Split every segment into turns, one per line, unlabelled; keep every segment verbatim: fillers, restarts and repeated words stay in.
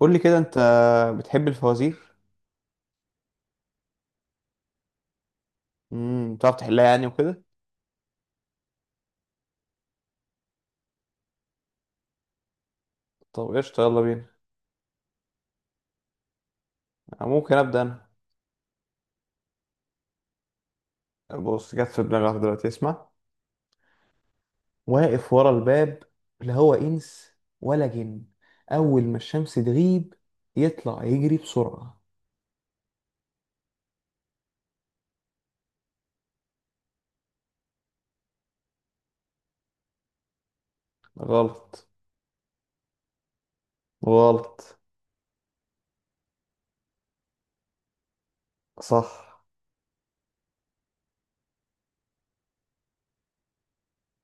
قول لي كده انت بتحب الفوازير؟ امم بتعرف تحلها يعني وكده؟ طب قشطة، يلا بينا. ممكن ابدا. انا بص، جت في دماغي واحدة دلوقتي، اسمع. واقف ورا الباب، لا هو انس ولا جن، اول ما الشمس تغيب يطلع يجري بسرعة. غلط. غلط. صح.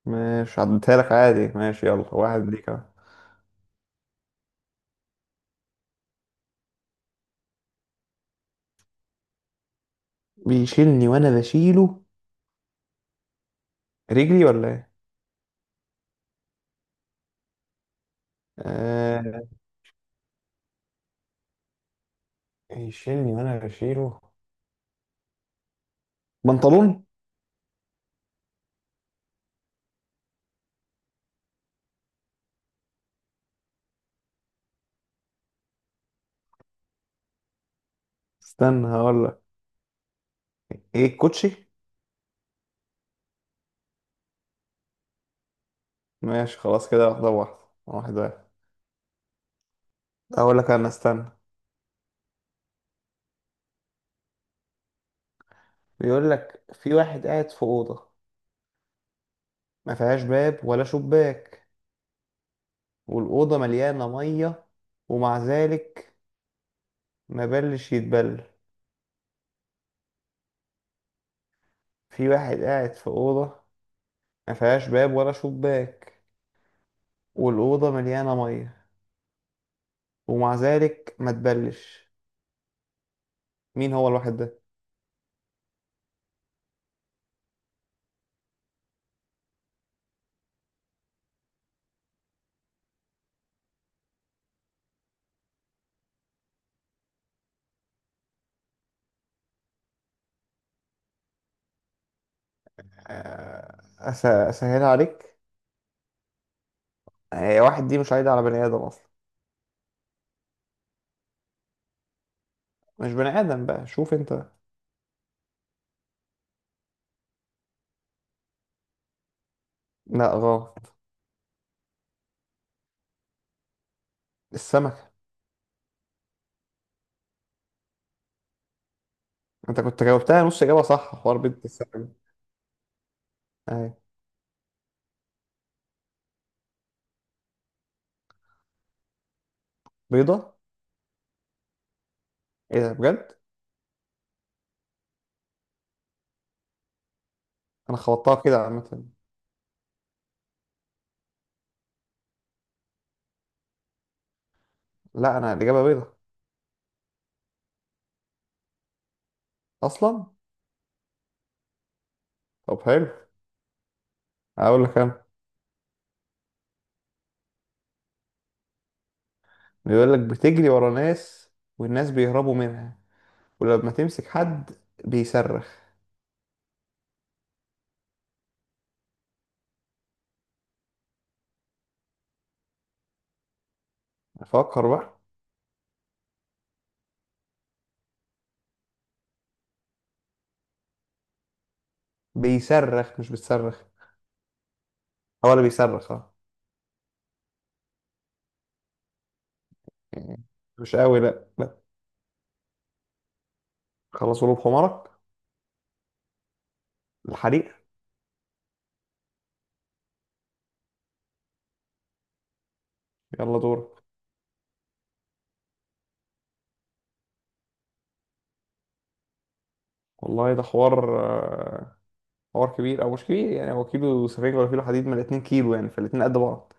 ماشي، عدتها لك عادي، ماشي، يلا واحد ليك اهو. بيشيلني وانا بشيله. رجلي ولا ايه؟ آه... يشيلني وانا بشيله. بنطلون. استنى هقول لك. ايه، الكوتشي. ماشي خلاص كده، واحدة واحدة. واحد واحد. اقول لك انا، استنى. بيقول لك، في واحد قاعد في أوضة، ما فيهاش باب ولا شباك، والأوضة مليانة مية، ومع ذلك ما بلش يتبل. في واحد قاعد في أوضة، ما فيهاش باب ولا شباك، والأوضة مليانة مية، ومع ذلك ما تبلش. مين هو الواحد ده؟ آه، أس- أسهلها عليك. آه، واحد دي مش عايدة على بني آدم أصلا. مش بني آدم بقى، شوف أنت. لا غلط. السمكة. انت كنت جاوبتها نص اجابة، صح، حوار بيض السمكة دي. اهي. بيضة. ايه ده بجد؟ انا خبطتها كده عامة. لا، انا الاجابة بيضة. اصلا. طب حلو. اقول لك انا. بيقول لك، بتجري ورا ناس، والناس بيهربوا منها، ولما تمسك حد بيصرخ. فكر بقى. بيصرخ مش بتصرخ. هو اللي بيصرخ، اه. يعني مش قوي، لا لا. خلصوا له بحمارك. الحريق. يلا دورك. والله ده حوار، آه، حوار كبير او مش كبير، يعني هو كيلو سفنج ولا كيلو حديد، من الاتنين كيلو يعني، فالاتنين قد بعض.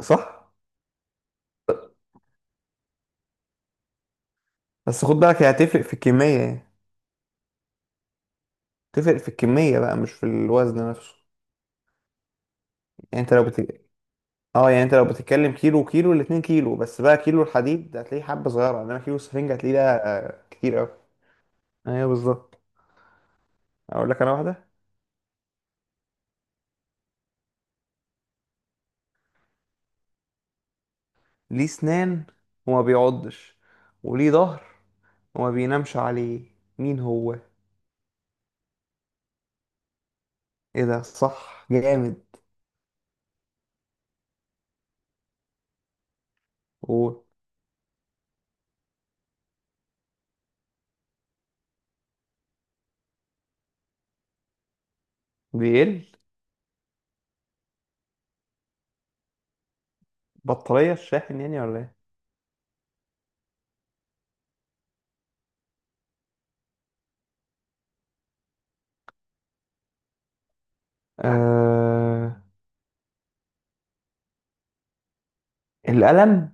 صح. بس خد بالك، هي هتفرق في الكمية يعني. تفرق في الكمية بقى، مش في الوزن نفسه. يعني انت لو بت... اه، يعني انت لو بتتكلم كيلو وكيلو، الاتنين كيلو بس بقى، كيلو الحديد هتلاقيه حبة صغيرة، انما كيلو السفنج هتلاقيه ده آه، كتير اوي. ايوه بالظبط. اقول لك انا واحدة. ليه سنان وما بيعضش، وليه ظهر وما بينامش عليه، مين هو؟ ايه ده، صح، جامد. هو بيقل. بطارية الشاحن يعني ولا ايه؟ آه... القلم.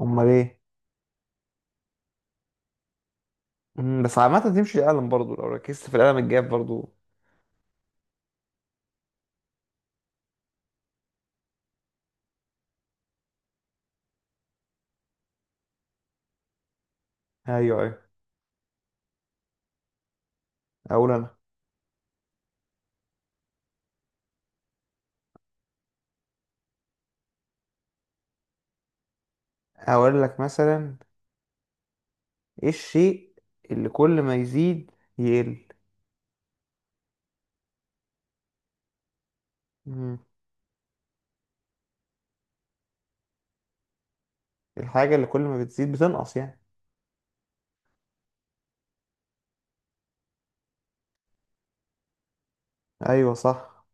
امال ايه؟ مم، بس عامة تمشي القلم برضو، لو ركزت في القلم الجاف برضو. ايوه، ايوه. اقول انا. اقول لك مثلا، ايه الشيء اللي كل ما يزيد يقل؟ مم، الحاجة اللي كل ما بتزيد بتنقص يعني. ايوه صح.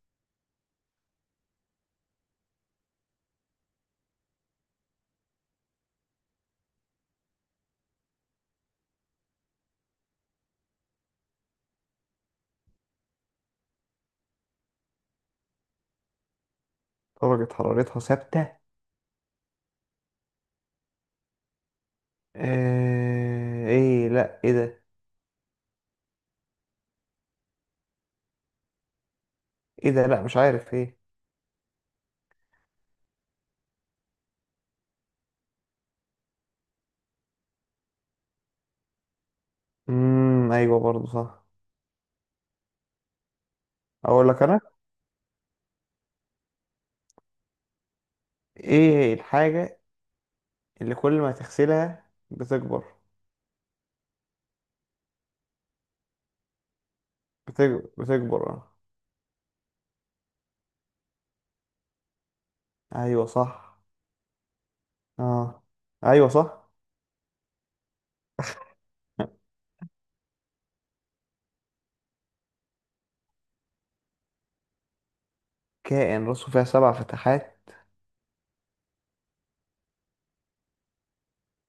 درجة حرارتها ثابتة. آه... ايه، لا ايه ده؟ ايه ده، لا مش عارف ايه. امم ايوه، برضو صح. اقول لك انا. ايه الحاجة اللي كل ما تغسلها بتكبر؟ بتكبر، بتكبر، اه. ايوه صح. اه، ايوه صح. كائن راسه فيها سبع فتحات؟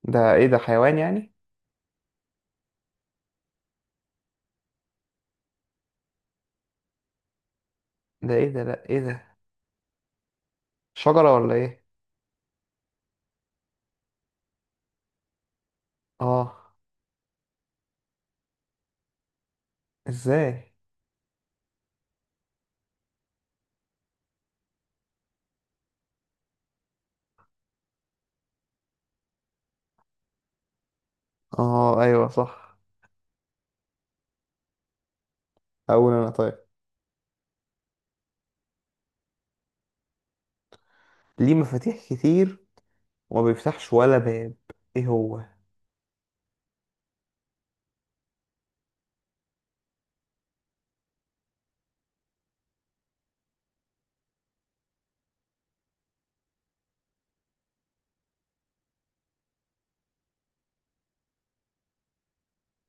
ده ايه ده، حيوان يعني؟ ده ايه ده، لا ايه ده، شجرة ولا ايه؟ اه. ازاي؟ اه، ايوه صح. اقول انا، طيب. ليه مفاتيح كتير وما بيفتحش ولا باب، ايه هو؟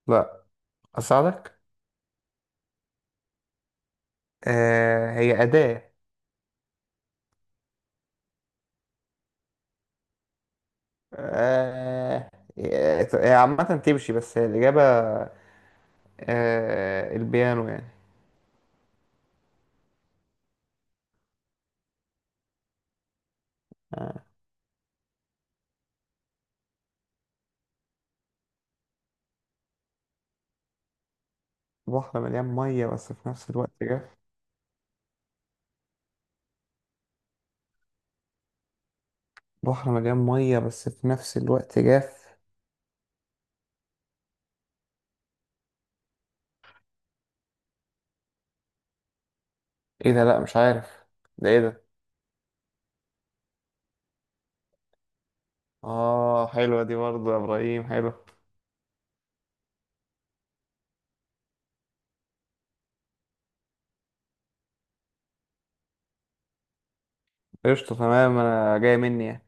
لا. اساعدك. آه هي اداة. آه هي عامة تمشي، بس هي الإجابة. آه البيانو يعني. آه. بحر مليان مية بس في نفس الوقت جاف. بحر مليان مية بس في نفس الوقت جاف. ايه ده، لا مش عارف، ده ايه ده؟ اه، حلوة دي برضه يا ابراهيم، حلو. قشطة، تمام، انا جاي مني يعني.